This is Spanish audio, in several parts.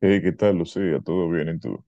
Hey, ¿qué tal, Lucía? ¿Todo bien en tú?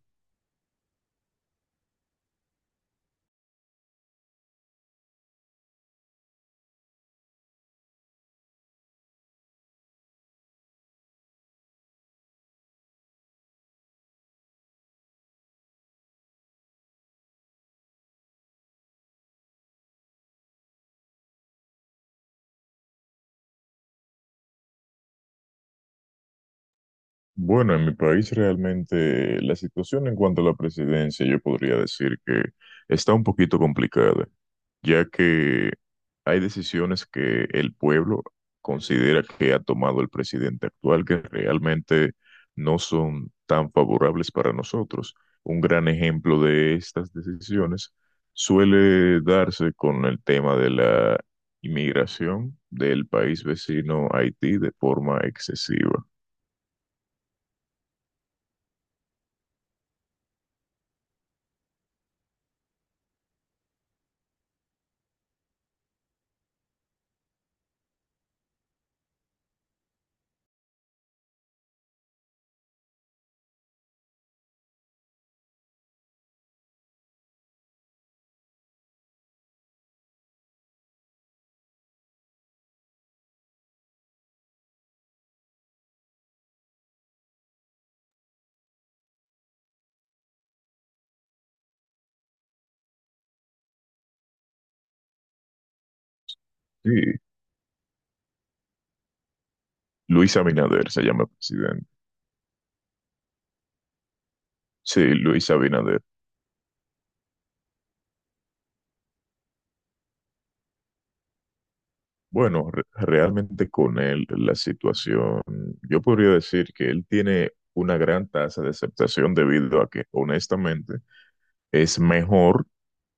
Bueno, en mi país realmente la situación en cuanto a la presidencia, yo podría decir que está un poquito complicada, ya que hay decisiones que el pueblo considera que ha tomado el presidente actual que realmente no son tan favorables para nosotros. Un gran ejemplo de estas decisiones suele darse con el tema de la inmigración del país vecino Haití de forma excesiva. Sí, Luis Abinader se llama presidente. Sí, Luis Abinader. Bueno, realmente con él la situación, yo podría decir que él tiene una gran tasa de aceptación debido a que honestamente es mejor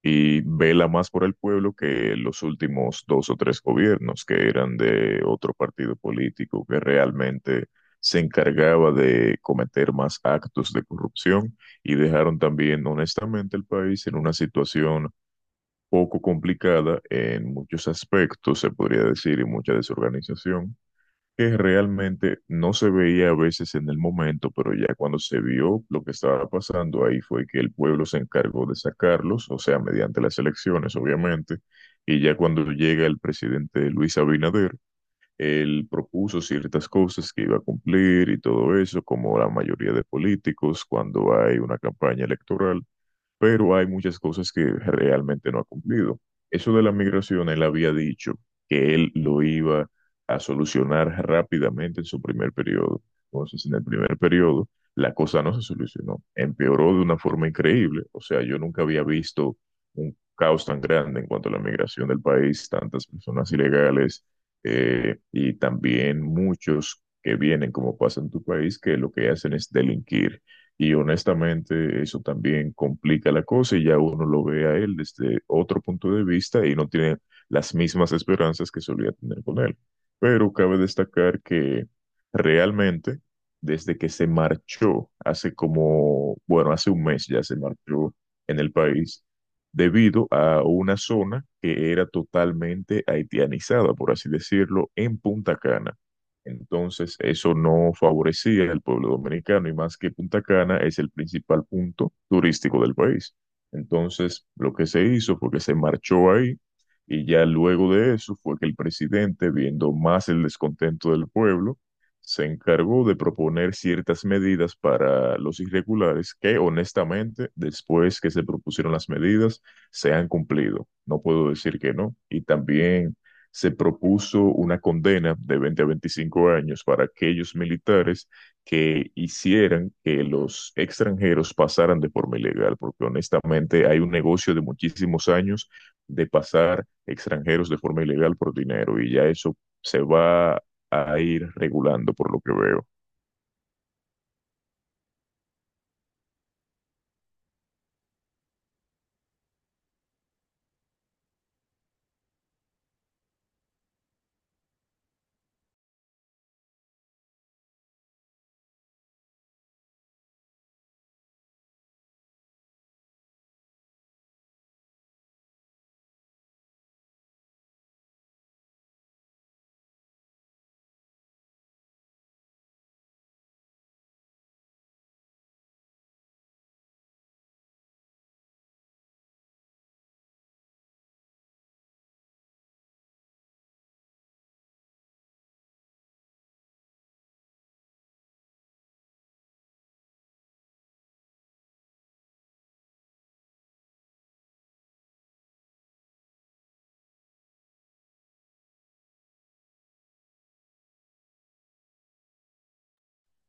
y vela más por el pueblo que los últimos dos o tres gobiernos que eran de otro partido político que realmente se encargaba de cometer más actos de corrupción y dejaron también honestamente el país en una situación poco complicada en muchos aspectos, se podría decir, y mucha desorganización, que realmente no se veía a veces en el momento, pero ya cuando se vio lo que estaba pasando, ahí fue que el pueblo se encargó de sacarlos, o sea, mediante las elecciones, obviamente, y ya cuando llega el presidente Luis Abinader, él propuso ciertas cosas que iba a cumplir y todo eso, como la mayoría de políticos cuando hay una campaña electoral, pero hay muchas cosas que realmente no ha cumplido. Eso de la migración, él había dicho que él lo iba a solucionar rápidamente en su primer periodo. Entonces, en el primer periodo, la cosa no se solucionó, empeoró de una forma increíble. O sea, yo nunca había visto un caos tan grande en cuanto a la migración del país, tantas personas ilegales, y también muchos que vienen como pasa en tu país, que lo que hacen es delinquir y, honestamente, eso también complica la cosa y ya uno lo ve a él desde otro punto de vista y no tiene las mismas esperanzas que solía tener con él. Pero cabe destacar que realmente, desde que se marchó hace como, bueno, hace un mes ya se marchó en el país, debido a una zona que era totalmente haitianizada, por así decirlo, en Punta Cana. Entonces, eso no favorecía al pueblo dominicano y más que Punta Cana es el principal punto turístico del país. Entonces, lo que se hizo fue que se marchó ahí y ya luego de eso fue que el presidente, viendo más el descontento del pueblo, se encargó de proponer ciertas medidas para los irregulares que, honestamente, después que se propusieron las medidas, se han cumplido. No puedo decir que no. Y también se propuso una condena de 20 a 25 años para aquellos militares que hicieran que los extranjeros pasaran de forma ilegal, porque honestamente hay un negocio de muchísimos años de pasar extranjeros de forma ilegal por dinero y ya eso se va a ir regulando por lo que veo.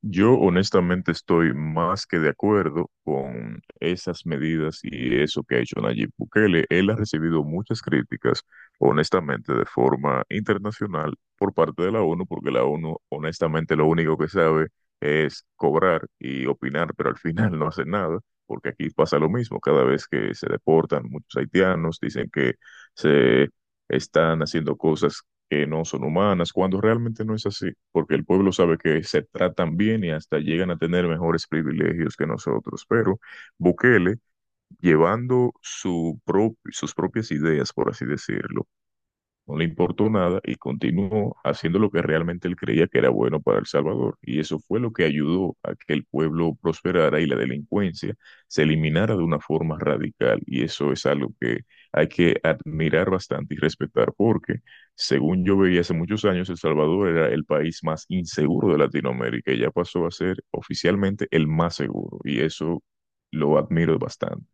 Yo honestamente estoy más que de acuerdo con esas medidas y eso que ha hecho Nayib Bukele. Él ha recibido muchas críticas, honestamente, de forma internacional por parte de la ONU, porque la ONU honestamente lo único que sabe es cobrar y opinar, pero al final no hace nada, porque aquí pasa lo mismo. Cada vez que se deportan muchos haitianos, dicen que se están haciendo cosas que no son humanas, cuando realmente no es así, porque el pueblo sabe que se tratan bien y hasta llegan a tener mejores privilegios que nosotros. Pero Bukele, llevando su sus propias ideas, por así decirlo, no le importó nada y continuó haciendo lo que realmente él creía que era bueno para El Salvador. Y eso fue lo que ayudó a que el pueblo prosperara y la delincuencia se eliminara de una forma radical. Y eso es algo que hay que admirar bastante y respetar, porque según yo veía hace muchos años, El Salvador era el país más inseguro de Latinoamérica y ya pasó a ser oficialmente el más seguro. Y eso lo admiro bastante.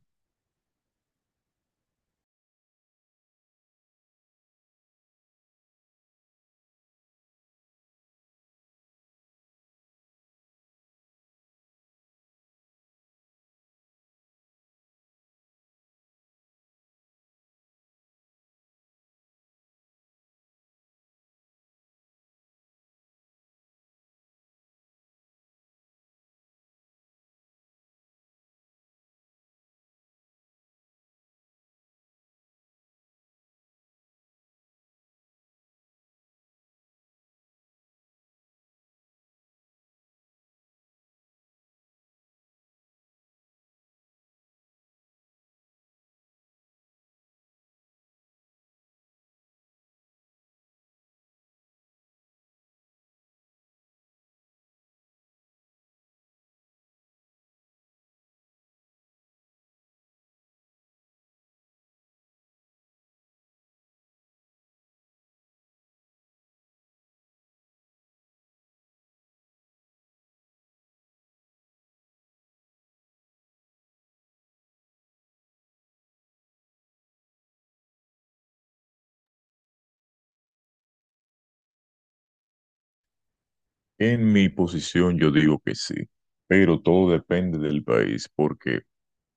En mi posición yo digo que sí, pero todo depende del país, porque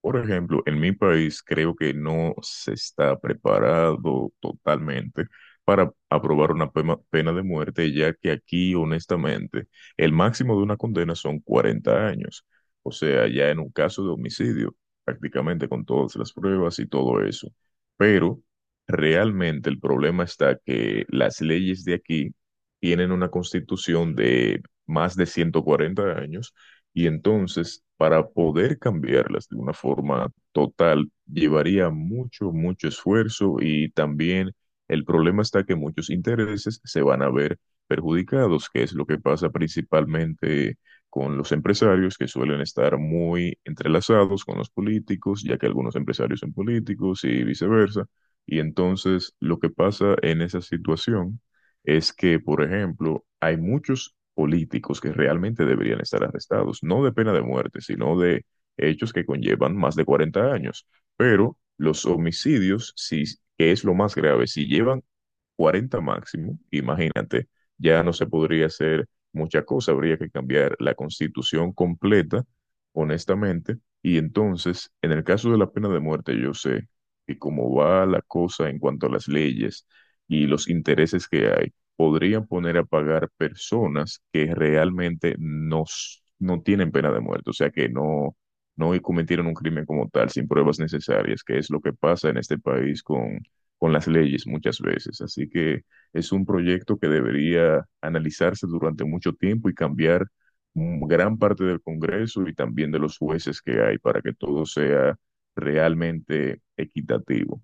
por ejemplo, en mi país creo que no se está preparado totalmente para aprobar una pena de muerte, ya que aquí, honestamente, el máximo de una condena son 40 años. O sea, ya en un caso de homicidio, prácticamente con todas las pruebas y todo eso. Pero realmente el problema está que las leyes de aquí tienen una constitución de más de 140 años y entonces, para poder cambiarlas de una forma total, llevaría mucho, mucho esfuerzo y también el problema está que muchos intereses se van a ver perjudicados, que es lo que pasa principalmente con los empresarios que suelen estar muy entrelazados con los políticos, ya que algunos empresarios son políticos y viceversa. Y entonces, lo que pasa en esa situación es que, por ejemplo, hay muchos políticos que realmente deberían estar arrestados, no de pena de muerte, sino de hechos que conllevan más de 40 años. Pero los homicidios, si, que es lo más grave, si llevan 40 máximo, imagínate, ya no se podría hacer mucha cosa, habría que cambiar la constitución completa, honestamente, y entonces, en el caso de la pena de muerte, yo sé que como va la cosa en cuanto a las leyes y los intereses que hay, podrían poner a pagar personas que realmente no, no tienen pena de muerte, o sea que no, no cometieron un crimen como tal, sin pruebas necesarias, que es lo que pasa en este país con las leyes muchas veces. Así que es un proyecto que debería analizarse durante mucho tiempo y cambiar, gran parte del Congreso y también de los jueces que hay para que todo sea realmente equitativo.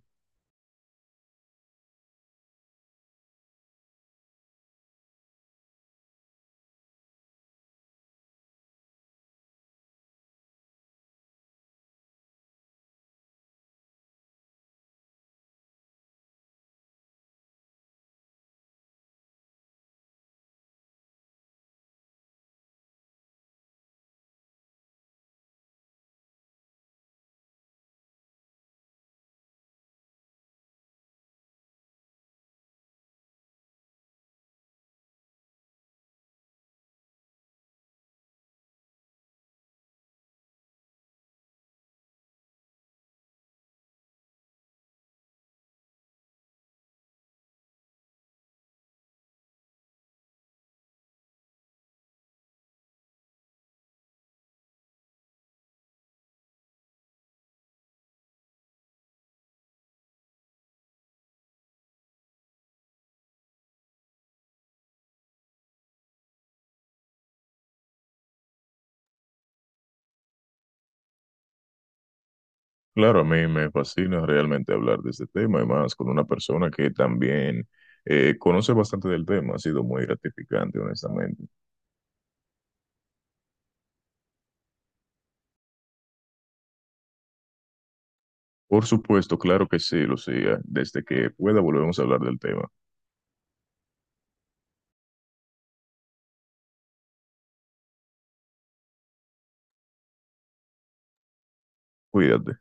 Claro, a mí me fascina realmente hablar de este tema, además con una persona que también conoce bastante del tema, ha sido muy gratificante, honestamente. Por supuesto, claro que sí, Lucía, desde que pueda volvemos a hablar del tema. Cuídate.